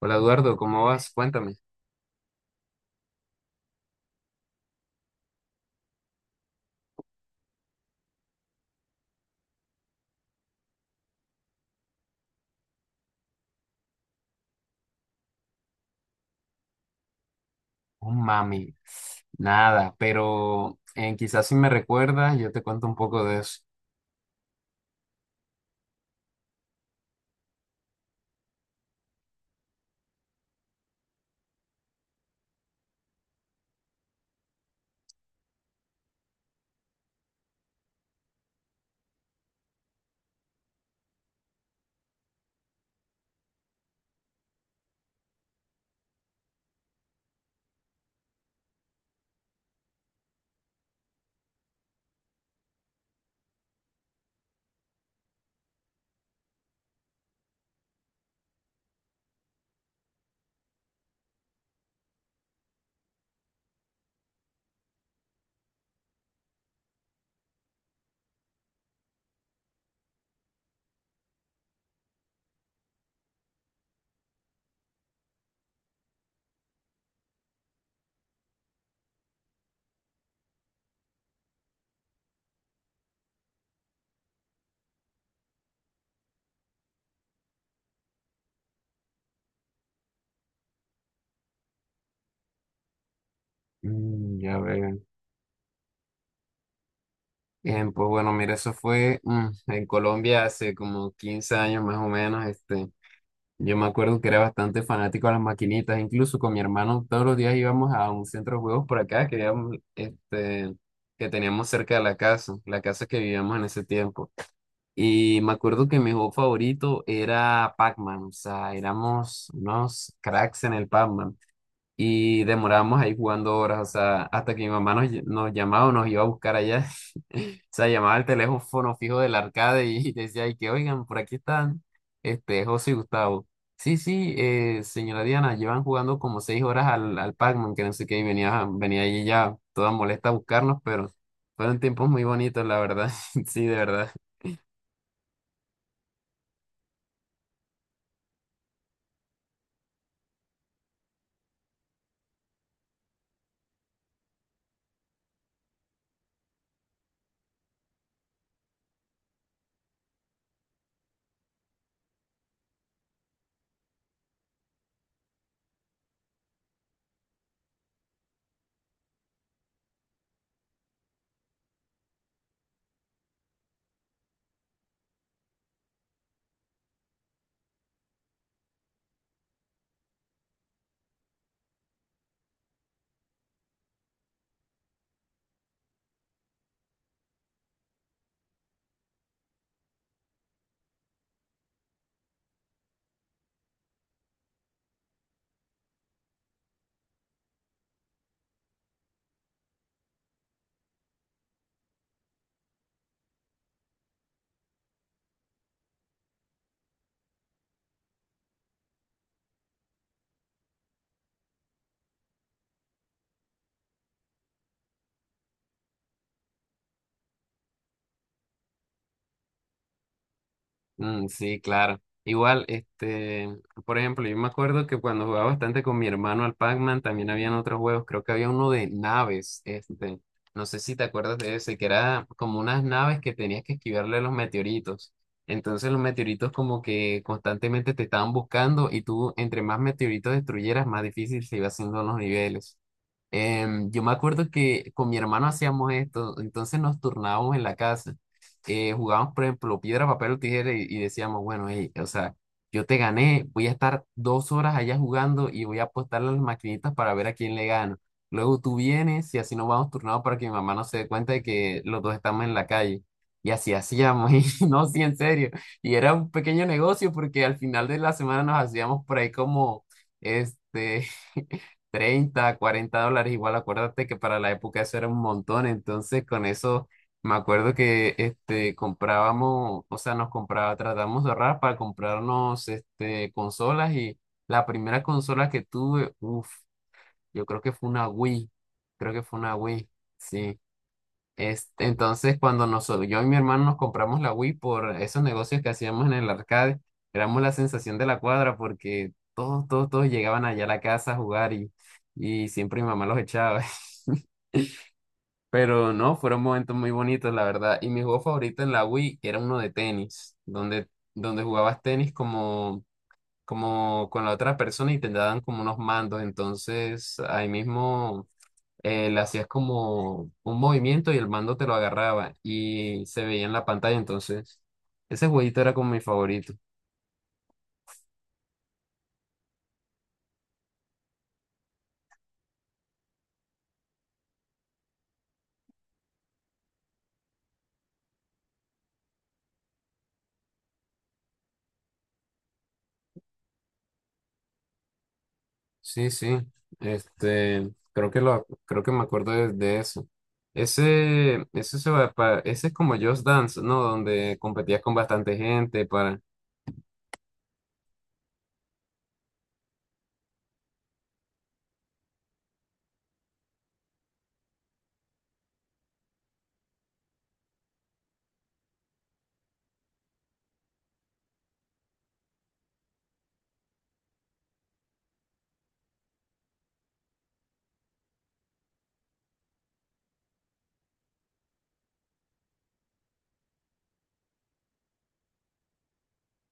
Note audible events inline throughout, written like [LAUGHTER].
Hola Eduardo, ¿cómo vas? Cuéntame. Oh, mami, nada, pero quizás si me recuerdas, yo te cuento un poco de eso. Mm, ya veo. Bien, pues bueno, mira, eso fue en Colombia hace como 15 años más o menos. Este, yo me acuerdo que era bastante fanático a las maquinitas, incluso con mi hermano todos los días íbamos a un centro de juegos por acá que, habíamos, este, que teníamos cerca de la casa que vivíamos en ese tiempo. Y me acuerdo que mi juego favorito era Pac-Man, o sea, éramos unos cracks en el Pac-Man y demorábamos ahí jugando horas, o sea, hasta que mi mamá nos, nos llamaba o nos iba a buscar allá, [LAUGHS] o sea, llamaba al teléfono fijo del arcade y [LAUGHS] decía, y que oigan, por aquí están, este, José y Gustavo. Sí, sí, señora Diana, llevan jugando como 6 horas al, al Pac-Man, que no sé qué, y venía, venía ahí ya toda molesta a buscarnos, pero fueron tiempos muy bonitos, la verdad. [LAUGHS] Sí, de verdad. Mm, sí, claro. Igual, este, por ejemplo, yo me acuerdo que cuando jugaba bastante con mi hermano al Pac-Man, también habían otros juegos, creo que había uno de naves, este, no sé si te acuerdas de ese, que era como unas naves que tenías que esquivarle a los meteoritos. Entonces los meteoritos como que constantemente te estaban buscando y tú entre más meteoritos destruyeras, más difícil se iba haciendo los niveles. Em, yo me acuerdo que con mi hermano hacíamos esto, entonces nos turnábamos en la casa jugábamos, por ejemplo, piedra, papel o tijera y decíamos, bueno, hey, o sea, yo te gané, voy a estar 2 horas allá jugando y voy a apostarle a las maquinitas para ver a quién le gano. Luego tú vienes y así nos vamos turnados para que mi mamá no se dé cuenta de que los dos estamos en la calle. Y así hacíamos, [LAUGHS] y no, sí, en serio. Y era un pequeño negocio porque al final de la semana nos hacíamos por ahí como, este, $30, $40. Igual acuérdate que para la época eso era un montón, entonces con eso me acuerdo que este comprábamos, o sea, nos compraba, tratamos de ahorrar para comprarnos este consolas. Y la primera consola que tuve, uff, yo creo que fue una Wii, creo que fue una Wii, sí. Este, entonces, cuando nosotros, yo y mi hermano nos compramos la Wii por esos negocios que hacíamos en el arcade, éramos la sensación de la cuadra porque todos, todos, todos llegaban allá a la casa a jugar, y siempre mi mamá los echaba. [LAUGHS] Pero no, fueron momentos muy bonitos, la verdad. Y mi juego favorito en la Wii era uno de tenis, donde, donde jugabas tenis como, como con la otra persona y te daban como unos mandos. Entonces, ahí mismo le hacías como un movimiento y el mando te lo agarraba y se veía en la pantalla. Entonces, ese jueguito era como mi favorito. Sí, sí. Este, creo que lo, creo que me acuerdo de eso. Ese ese es como Just Dance, ¿no? Donde competías con bastante gente para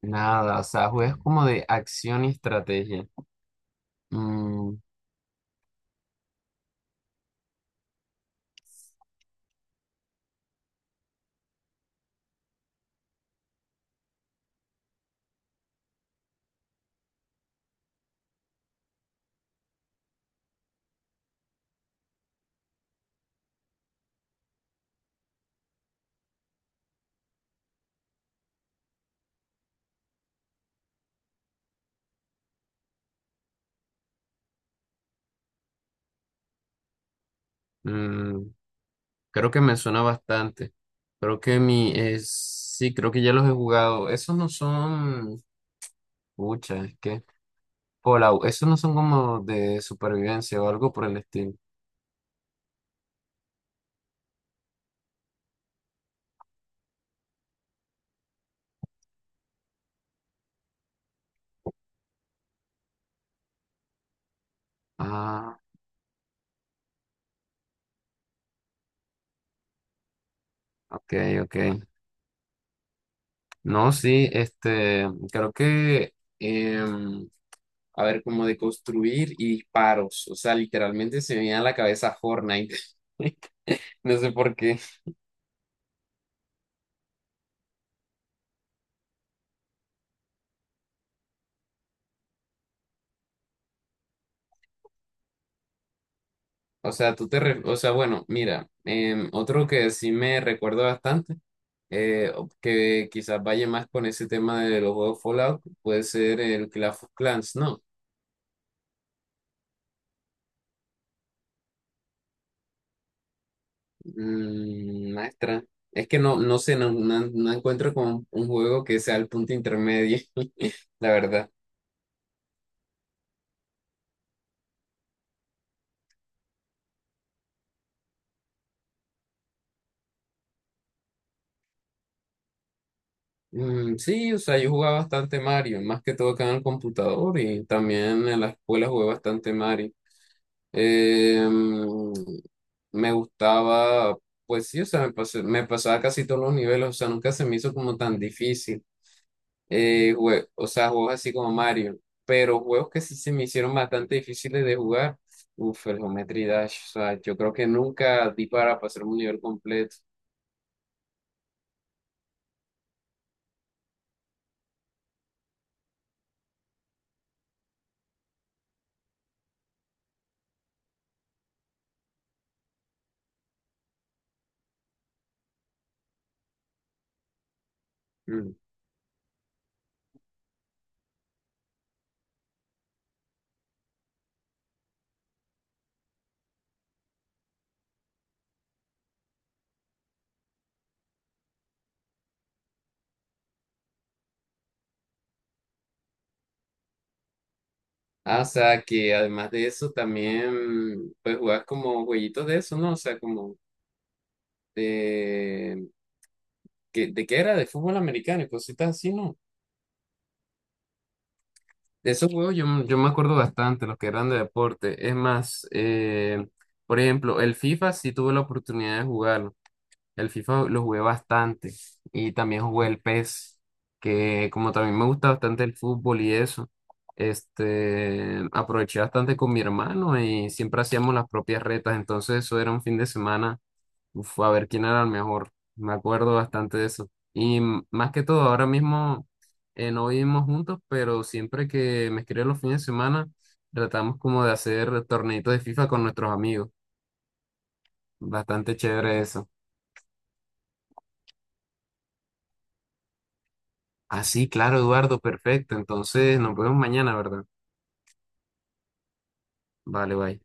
nada. O sea, juegas como de acción y estrategia. Mm, mm, creo que me suena bastante. Creo que mi es sí, creo que ya los he jugado. Esos no son. Pucha, es que Fallout, esos no son como de supervivencia o algo por el estilo. Ah, ok, ok. No, sí, este, creo que, em, a ver, como de construir y disparos, o sea, literalmente se me viene a la cabeza Fortnite. [LAUGHS] No sé por qué. O sea, tú te, o sea, bueno, mira, em, otro que sí me recuerdo bastante, que quizás vaya más con ese tema de los juegos Fallout, puede ser el Clash of Clans, ¿no? Mm, maestra, es que no, no sé, no, no encuentro como un juego que sea el punto intermedio, [LAUGHS] la verdad. Mm, sí, o sea, yo jugaba bastante Mario, más que todo acá en el computador y también en la escuela jugué bastante Mario. Eh, mm, me gustaba, pues sí, o sea, me pasaba casi todos los niveles, o sea, nunca se me hizo como tan difícil. O sea, juegos así como Mario, pero juegos que sí se me hicieron bastante difíciles de jugar. Uf, el Geometry Dash, o sea, yo creo que nunca di para pasar un nivel completo. Mm. Ah, o sea, que además de eso también, pues jugabas como jueguitos de eso, ¿no? O sea, como de... ¿De qué era? De fútbol americano y cositas así, ¿no? De esos juegos yo, yo me acuerdo bastante, los que eran de deporte. Es más, por ejemplo, el FIFA sí tuve la oportunidad de jugarlo. El FIFA lo jugué bastante y también jugué el PES, que como también me gusta bastante el fútbol y eso, este, aproveché bastante con mi hermano y siempre hacíamos las propias retas, entonces eso era un fin de semana, uf, a ver quién era el mejor, me acuerdo bastante de eso. Más que todo, ahora mismo no vivimos juntos, pero siempre que me escribe los fines de semana, tratamos como de hacer torneitos de FIFA con nuestros amigos, bastante chévere eso. Ah, sí, claro, Eduardo, perfecto. Entonces, nos vemos mañana, ¿verdad? Vale, bye.